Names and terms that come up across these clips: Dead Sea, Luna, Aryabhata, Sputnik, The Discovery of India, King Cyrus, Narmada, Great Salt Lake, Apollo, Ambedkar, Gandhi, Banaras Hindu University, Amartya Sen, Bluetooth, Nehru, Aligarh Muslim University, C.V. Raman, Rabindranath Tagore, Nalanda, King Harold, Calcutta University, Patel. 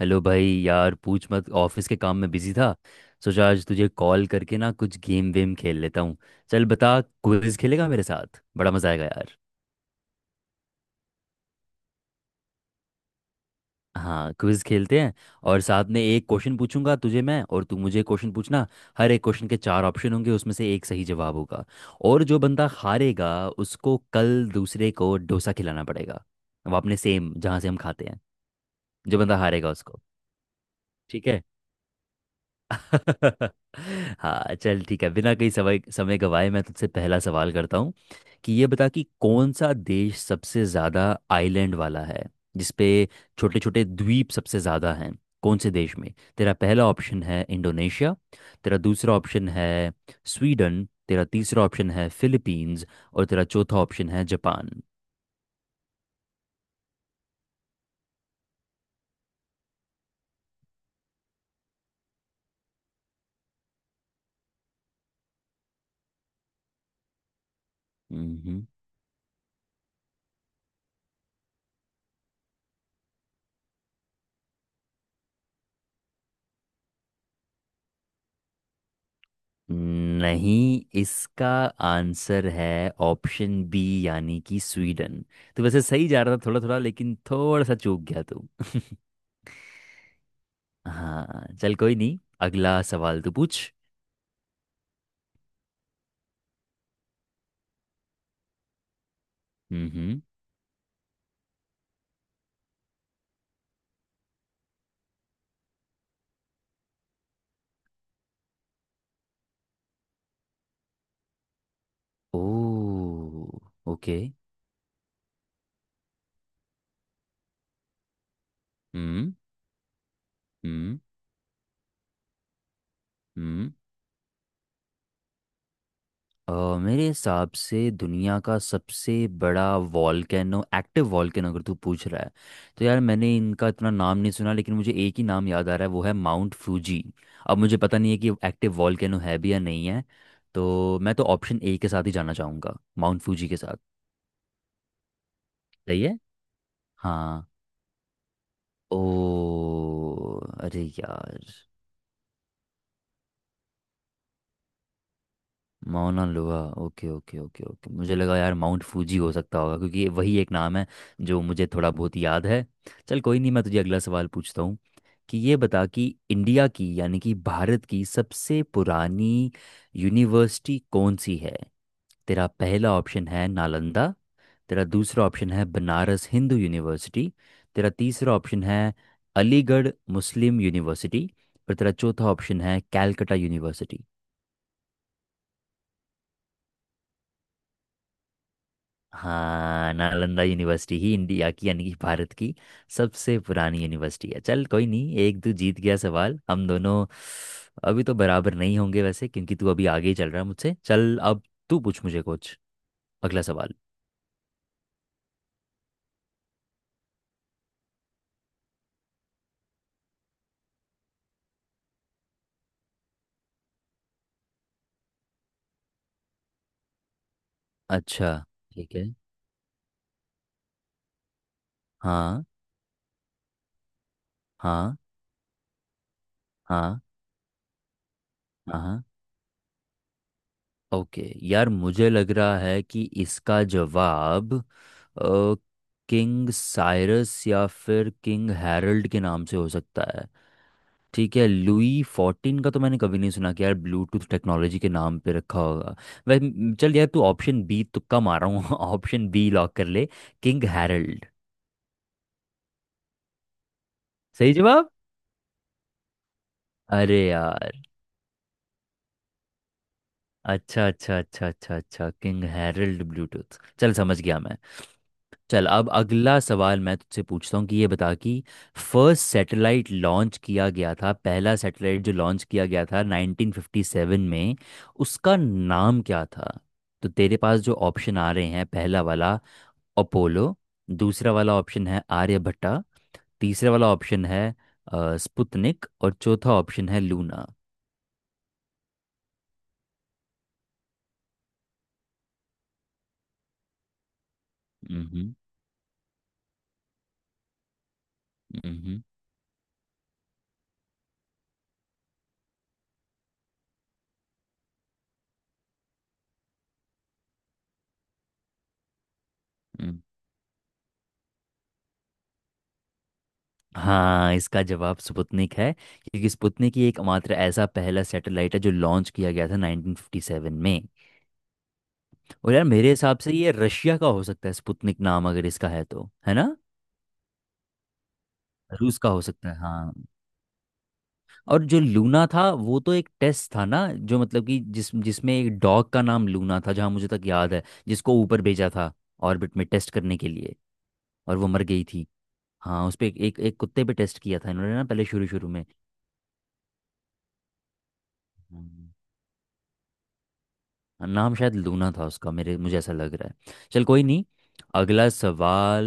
Hello भाई। यार पूछ मत, ऑफिस के काम में बिजी था। सोचा आज तुझे कॉल करके ना कुछ गेम वेम खेल लेता हूँ। चल बता, क्विज खेलेगा मेरे साथ? बड़ा मजा आएगा यार। हाँ, क्विज खेलते हैं। और साथ में एक क्वेश्चन पूछूंगा तुझे मैं और तू मुझे क्वेश्चन पूछना। हर एक क्वेश्चन के चार ऑप्शन होंगे, उसमें से एक सही जवाब होगा। और जो बंदा हारेगा उसको कल दूसरे को डोसा खिलाना पड़ेगा। अब आपने सेम जहाँ से हम खाते हैं। जो बंदा हारेगा उसको। ठीक है। हाँ चल ठीक है, बिना कहीं समय समय गवाए मैं तुझसे पहला सवाल करता हूँ। कि ये बता कि कौन सा देश सबसे ज़्यादा आइलैंड वाला है, जिसपे छोटे छोटे द्वीप सबसे ज़्यादा हैं? कौन से देश में? तेरा पहला ऑप्शन है इंडोनेशिया, तेरा दूसरा ऑप्शन है स्वीडन, तेरा तीसरा ऑप्शन है फिलीपींस, और तेरा चौथा ऑप्शन है जापान। नहीं, इसका आंसर है ऑप्शन बी, यानी कि स्वीडन। तो वैसे सही जा रहा था थोड़ा थोड़ा, लेकिन थोड़ा सा चूक गया तू। हाँ चल कोई नहीं, अगला सवाल तू पूछ। हम्म। ओ, ओके। हम्म। हम्म। हम्म। अ, मेरे हिसाब से दुनिया का सबसे बड़ा वॉल्केनो, एक्टिव वॉल्केनो अगर तू पूछ रहा है, तो यार मैंने इनका इतना नाम नहीं सुना, लेकिन मुझे एक ही नाम याद आ रहा है, वो है माउंट फूजी। अब मुझे पता नहीं है कि एक्टिव वॉल्केनो है भी या नहीं है, तो मैं तो ऑप्शन ए के साथ ही जाना चाहूँगा, माउंट फूजी के साथ। सही है। हाँ। ओ, अरे यार। Mauna Loa. Okay okay okay okay, मुझे लगा यार माउंट फूजी हो सकता होगा, क्योंकि वही एक नाम है जो मुझे थोड़ा बहुत याद है। चल कोई नहीं, मैं तुझे अगला सवाल पूछता हूँ। कि ये बता कि इंडिया की यानी कि भारत की सबसे पुरानी यूनिवर्सिटी कौन सी है? तेरा पहला ऑप्शन है नालंदा, तेरा दूसरा ऑप्शन है बनारस हिंदू यूनिवर्सिटी, तेरा तीसरा ऑप्शन है अलीगढ़ मुस्लिम यूनिवर्सिटी, और तेरा चौथा ऑप्शन है कैलकटा यूनिवर्सिटी। हाँ, नालंदा यूनिवर्सिटी ही इंडिया की यानी कि भारत की सबसे पुरानी यूनिवर्सिटी है। चल कोई नहीं, एक तू जीत गया सवाल। हम दोनों अभी तो बराबर नहीं होंगे वैसे, क्योंकि तू अभी आगे ही चल रहा है मुझसे। चल अब तू पूछ मुझे कुछ अगला सवाल। अच्छा। ठीक है। हाँ। हाँ। हाँ। हाँ। हाँ, ओके। यार मुझे लग रहा है कि इसका जवाब अ, किंग साइरस या फिर किंग हैरल्ड के नाम से हो सकता। ठीक है, लुई फोर्टीन का तो मैंने कभी नहीं सुना कि यार ब्लूटूथ टेक्नोलॉजी के नाम पे रखा होगा। वै चल यार, तू ऑप्शन बी, तुक्का मार रहा हूँ। ऑप्शन बी लॉक कर ले, किंग हैरल्ड। सही जवाब। अरे यार, अच्छा अच्छा अच्छा अच्छा अच्छा, किंग हैरल्ड ब्लूटूथ, चल समझ गया मैं। चल अब अगला सवाल मैं तुझसे पूछता हूँ कि ये बता कि फर्स्ट सैटेलाइट लॉन्च किया गया था, पहला सैटेलाइट जो लॉन्च किया गया था 1957 में, उसका नाम क्या था? तो तेरे पास जो ऑप्शन आ रहे हैं, पहला वाला अपोलो, दूसरा वाला ऑप्शन है आर्यभट्टा, तीसरा वाला ऑप्शन है स्पुतनिक, और चौथा ऑप्शन है लूना। हम्म। हाँ, इसका जवाब स्पुतनिक है, क्योंकि स्पुतनिक ही एकमात्र ऐसा पहला सैटेलाइट है जो लॉन्च किया गया था 1957 में। और यार मेरे हिसाब से ये रशिया का हो सकता है, स्पुतनिक नाम अगर इसका है तो, है ना? रूस का हो सकता है, हाँ। और जो लूना था वो तो एक टेस्ट था ना, जो मतलब कि जिसमें एक डॉग का नाम लूना था, जहाँ मुझे तक याद है, जिसको ऊपर भेजा था ऑर्बिट में टेस्ट करने के लिए। और वो मर गई थी। हाँ, उस पे एक एक एक कुत्ते पे टेस्ट किया था इन्होंने ना, पहले शुरू शुरू में। हम्म। नाम शायद लूना था उसका, मेरे मुझे ऐसा लग रहा है। चल कोई नहीं, अगला सवाल।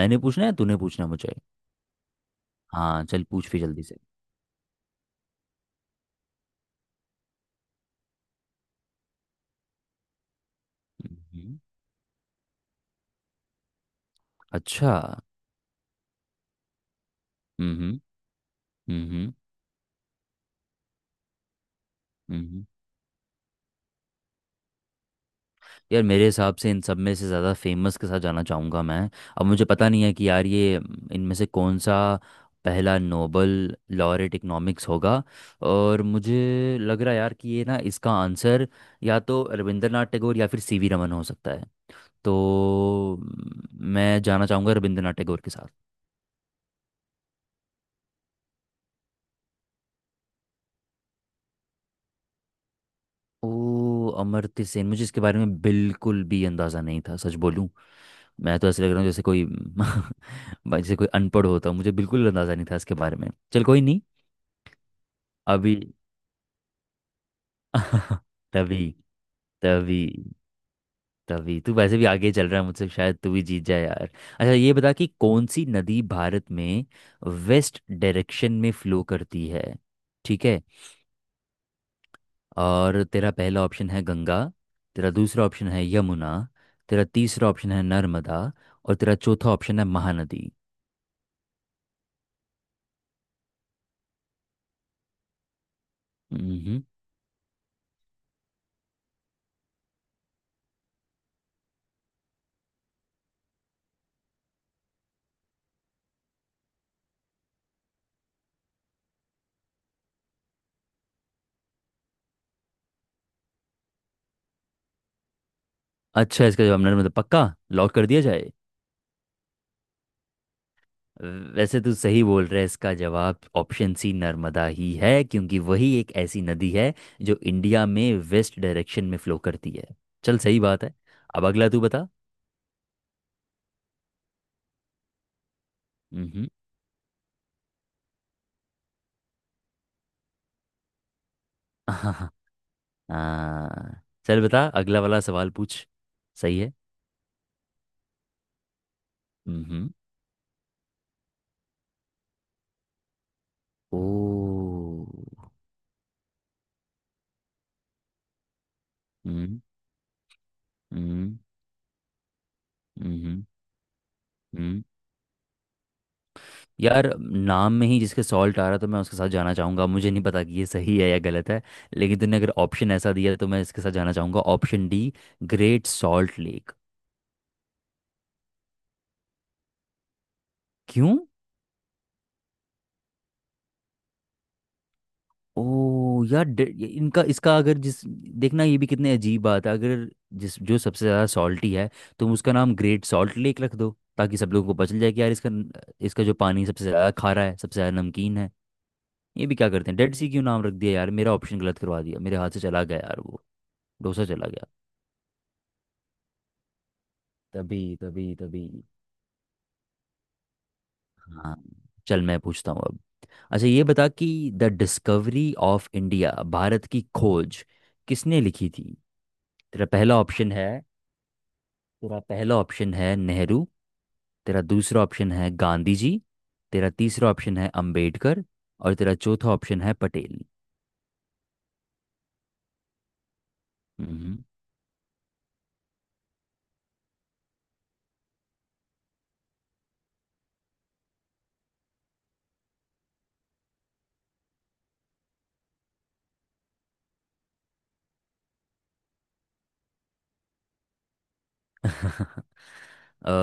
मैंने पूछना है, तूने पूछना है मुझे। हाँ, चल पूछ फिर जल्दी से। हम्म। अच्छा। हम्म। हम्म। हम्म। हम्म। यार मेरे हिसाब से इन सब में से ज़्यादा फेमस के साथ जाना चाहूँगा मैं। अब मुझे पता नहीं है कि यार ये इनमें से कौन सा पहला नोबल लॉरेट इकोनॉमिक्स होगा। और मुझे लग रहा है यार कि ये ना, इसका आंसर या तो रविंद्रनाथ टैगोर या फिर सीवी रमन हो सकता है। तो मैं जाना चाहूँगा रविंद्रनाथ टैगोर के साथ। ओ, अमर्त्य सेन। मुझे इसके बारे में बिल्कुल भी अंदाज़ा नहीं था, सच बोलूं। मैं तो ऐसे लग रहा हूँ जैसे कोई भाई जैसे कोई अनपढ़ होता, मुझे बिल्कुल अंदाज़ा नहीं था इसके बारे में। चल कोई नहीं। अभी। तभी। तभी। तभी तू वैसे भी आगे चल रहा है मुझसे, शायद तू भी जीत जाए यार। अच्छा ये बता कि कौन सी नदी भारत में वेस्ट डायरेक्शन में फ्लो करती है? ठीक है। और तेरा पहला ऑप्शन है गंगा, तेरा दूसरा ऑप्शन है यमुना, तेरा तीसरा ऑप्शन है नर्मदा, और तेरा चौथा ऑप्शन है महानदी। हम्म। अच्छा, इसका जवाब नर्मदा? पक्का लॉक कर दिया जाए? वैसे तू सही बोल रहा है, इसका जवाब ऑप्शन सी नर्मदा ही है, क्योंकि वही एक ऐसी नदी है जो इंडिया में वेस्ट डायरेक्शन में फ्लो करती है। चल सही बात है। अब अगला तू बता। हम्म। हाँ चल बता अगला वाला सवाल पूछ। सही है। हम्म। ओ। हम्म। हम्म। हम्म। हम्म। यार नाम में ही जिसके सॉल्ट आ रहा, तो मैं उसके साथ जाना चाहूंगा। मुझे नहीं पता कि ये सही है या गलत है, लेकिन तूने अगर ऑप्शन ऐसा दिया तो मैं इसके साथ जाना चाहूंगा, option D, great salt lake. क्यों? ओ यार, इनका इसका अगर जिस, देखना ये भी कितने अजीब बात है। अगर जिस जो सबसे ज़्यादा सॉल्टी है, तुम उसका नाम ग्रेट सॉल्ट लेक रख दो, ताकि सब लोगों को पता चल जाए कि यार इसका न- इसका जो पानी सबसे ज़्यादा खारा है, सबसे ज़्यादा नमकीन है। ये भी क्या करते हैं, डेड सी क्यों नाम रख दिया? यार मेरा ऑप्शन गलत करवा दिया, मेरे हाथ से चला गया यार वो, डोसा चला गया। तभी। तभी। तभी। हाँ चल मैं पूछता हूँ अब। अच्छा ये बता कि the discovery of India, Bharat की खोज, किसने लिखी थी? तेरा पहला ऑप्शन है तेरा पहला ऑप्शन है नेहरू, तेरा दूसरा ऑप्शन है गांधी जी, तेरा तीसरा ऑप्शन है अंबेडकर, और तेरा चौथा ऑप्शन है पटेल। हम्म। अ,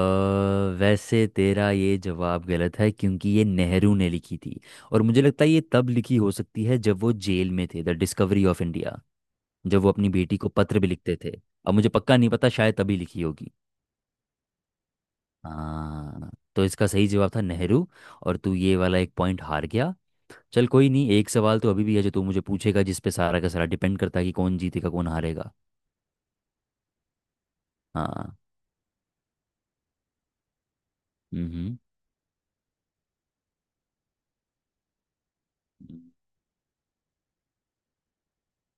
वैसे तेरा ये जवाब गलत है, क्योंकि ये नेहरू ने लिखी थी। और मुझे लगता है ये तब लिखी हो सकती है जब वो जेल में थे, द डिस्कवरी ऑफ इंडिया, जब वो अपनी बेटी को पत्र भी लिखते थे। अब मुझे पक्का नहीं पता, शायद तभी लिखी होगी। हाँ, तो इसका सही जवाब था नेहरू, और तू ये वाला एक पॉइंट हार गया। चल कोई नहीं, एक सवाल तो अभी भी है जो तू मुझे पूछेगा, जिस पे सारा का सारा डिपेंड करता है कि कौन जीतेगा कौन हारेगा। हाँ। हम्म। हम्म।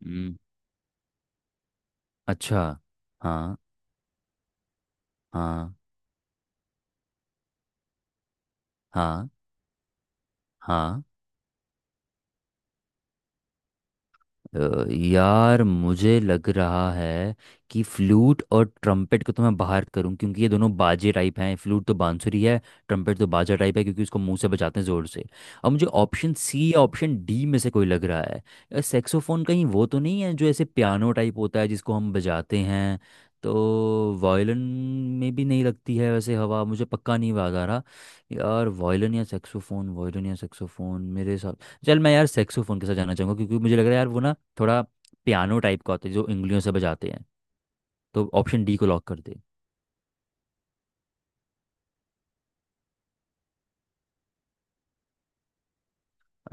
हम्म। अच्छा। हाँ। हाँ। हाँ। हाँ। यार मुझे लग रहा है कि फ्लूट और ट्रम्पेट को तो मैं बाहर करूं, क्योंकि ये दोनों बाजे टाइप हैं। फ्लूट तो बांसुरी है, ट्रम्पेट तो बाजा टाइप है क्योंकि उसको मुंह से बजाते हैं ज़ोर से। अब मुझे ऑप्शन सी या ऑप्शन डी में से कोई लग रहा है। सेक्सोफोन कहीं वो तो नहीं है जो ऐसे पियानो टाइप होता है जिसको हम बजाते हैं? तो वायलिन में भी नहीं लगती है वैसे हवा, मुझे पक्का नहीं याद आ रहा। यार वायलिन या सेक्सोफोन, वायलिन या सेक्सोफोन मेरे, चल मैं यार सेक्सोफोन के साथ जाना चाहूंगा, क्योंकि मुझे लग रहा है यार वो ना थोड़ा पियानो टाइप का होता है जो उंगलियों से बजाते हैं। तो ऑप्शन डी को लॉक कर दे।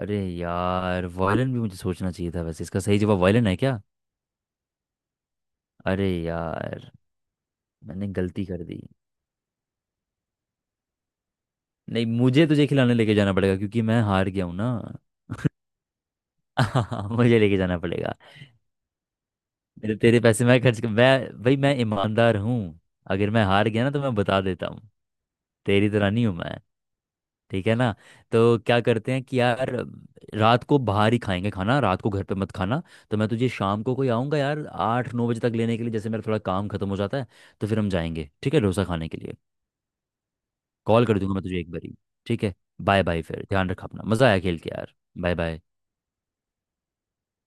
अरे यार, वायलिन भी मुझे सोचना चाहिए था वैसे। इसका सही जवाब वायलिन है क्या? अरे यार, मैंने गलती कर दी। नहीं, मुझे तुझे खिलाने लेके जाना पड़ेगा, क्योंकि मैं हार गया हूं ना। मुझे लेके जाना पड़ेगा, मेरे तेरे पैसे मैं खर्च कर, मैं भाई मैं ईमानदार हूँ। अगर मैं हार गया ना, तो मैं बता देता हूँ। तेरी तरह नहीं हूँ मैं। ठीक है ना? तो क्या करते हैं कि यार रात को बाहर ही खाएंगे खाना, रात को घर पे मत खाना। तो मैं तुझे शाम को कोई आऊँगा यार, 8-9 बजे तक लेने के लिए, जैसे मेरा थोड़ा काम खत्म हो जाता है, तो फिर हम जाएंगे, ठीक है, डोसा खाने के लिए। कॉल कर दूंगा मैं तुझे एक बारी। ठीक है। बाय बाय, फिर ध्यान रखा अपना, मज़ा आया खेल के यार। Bye bye.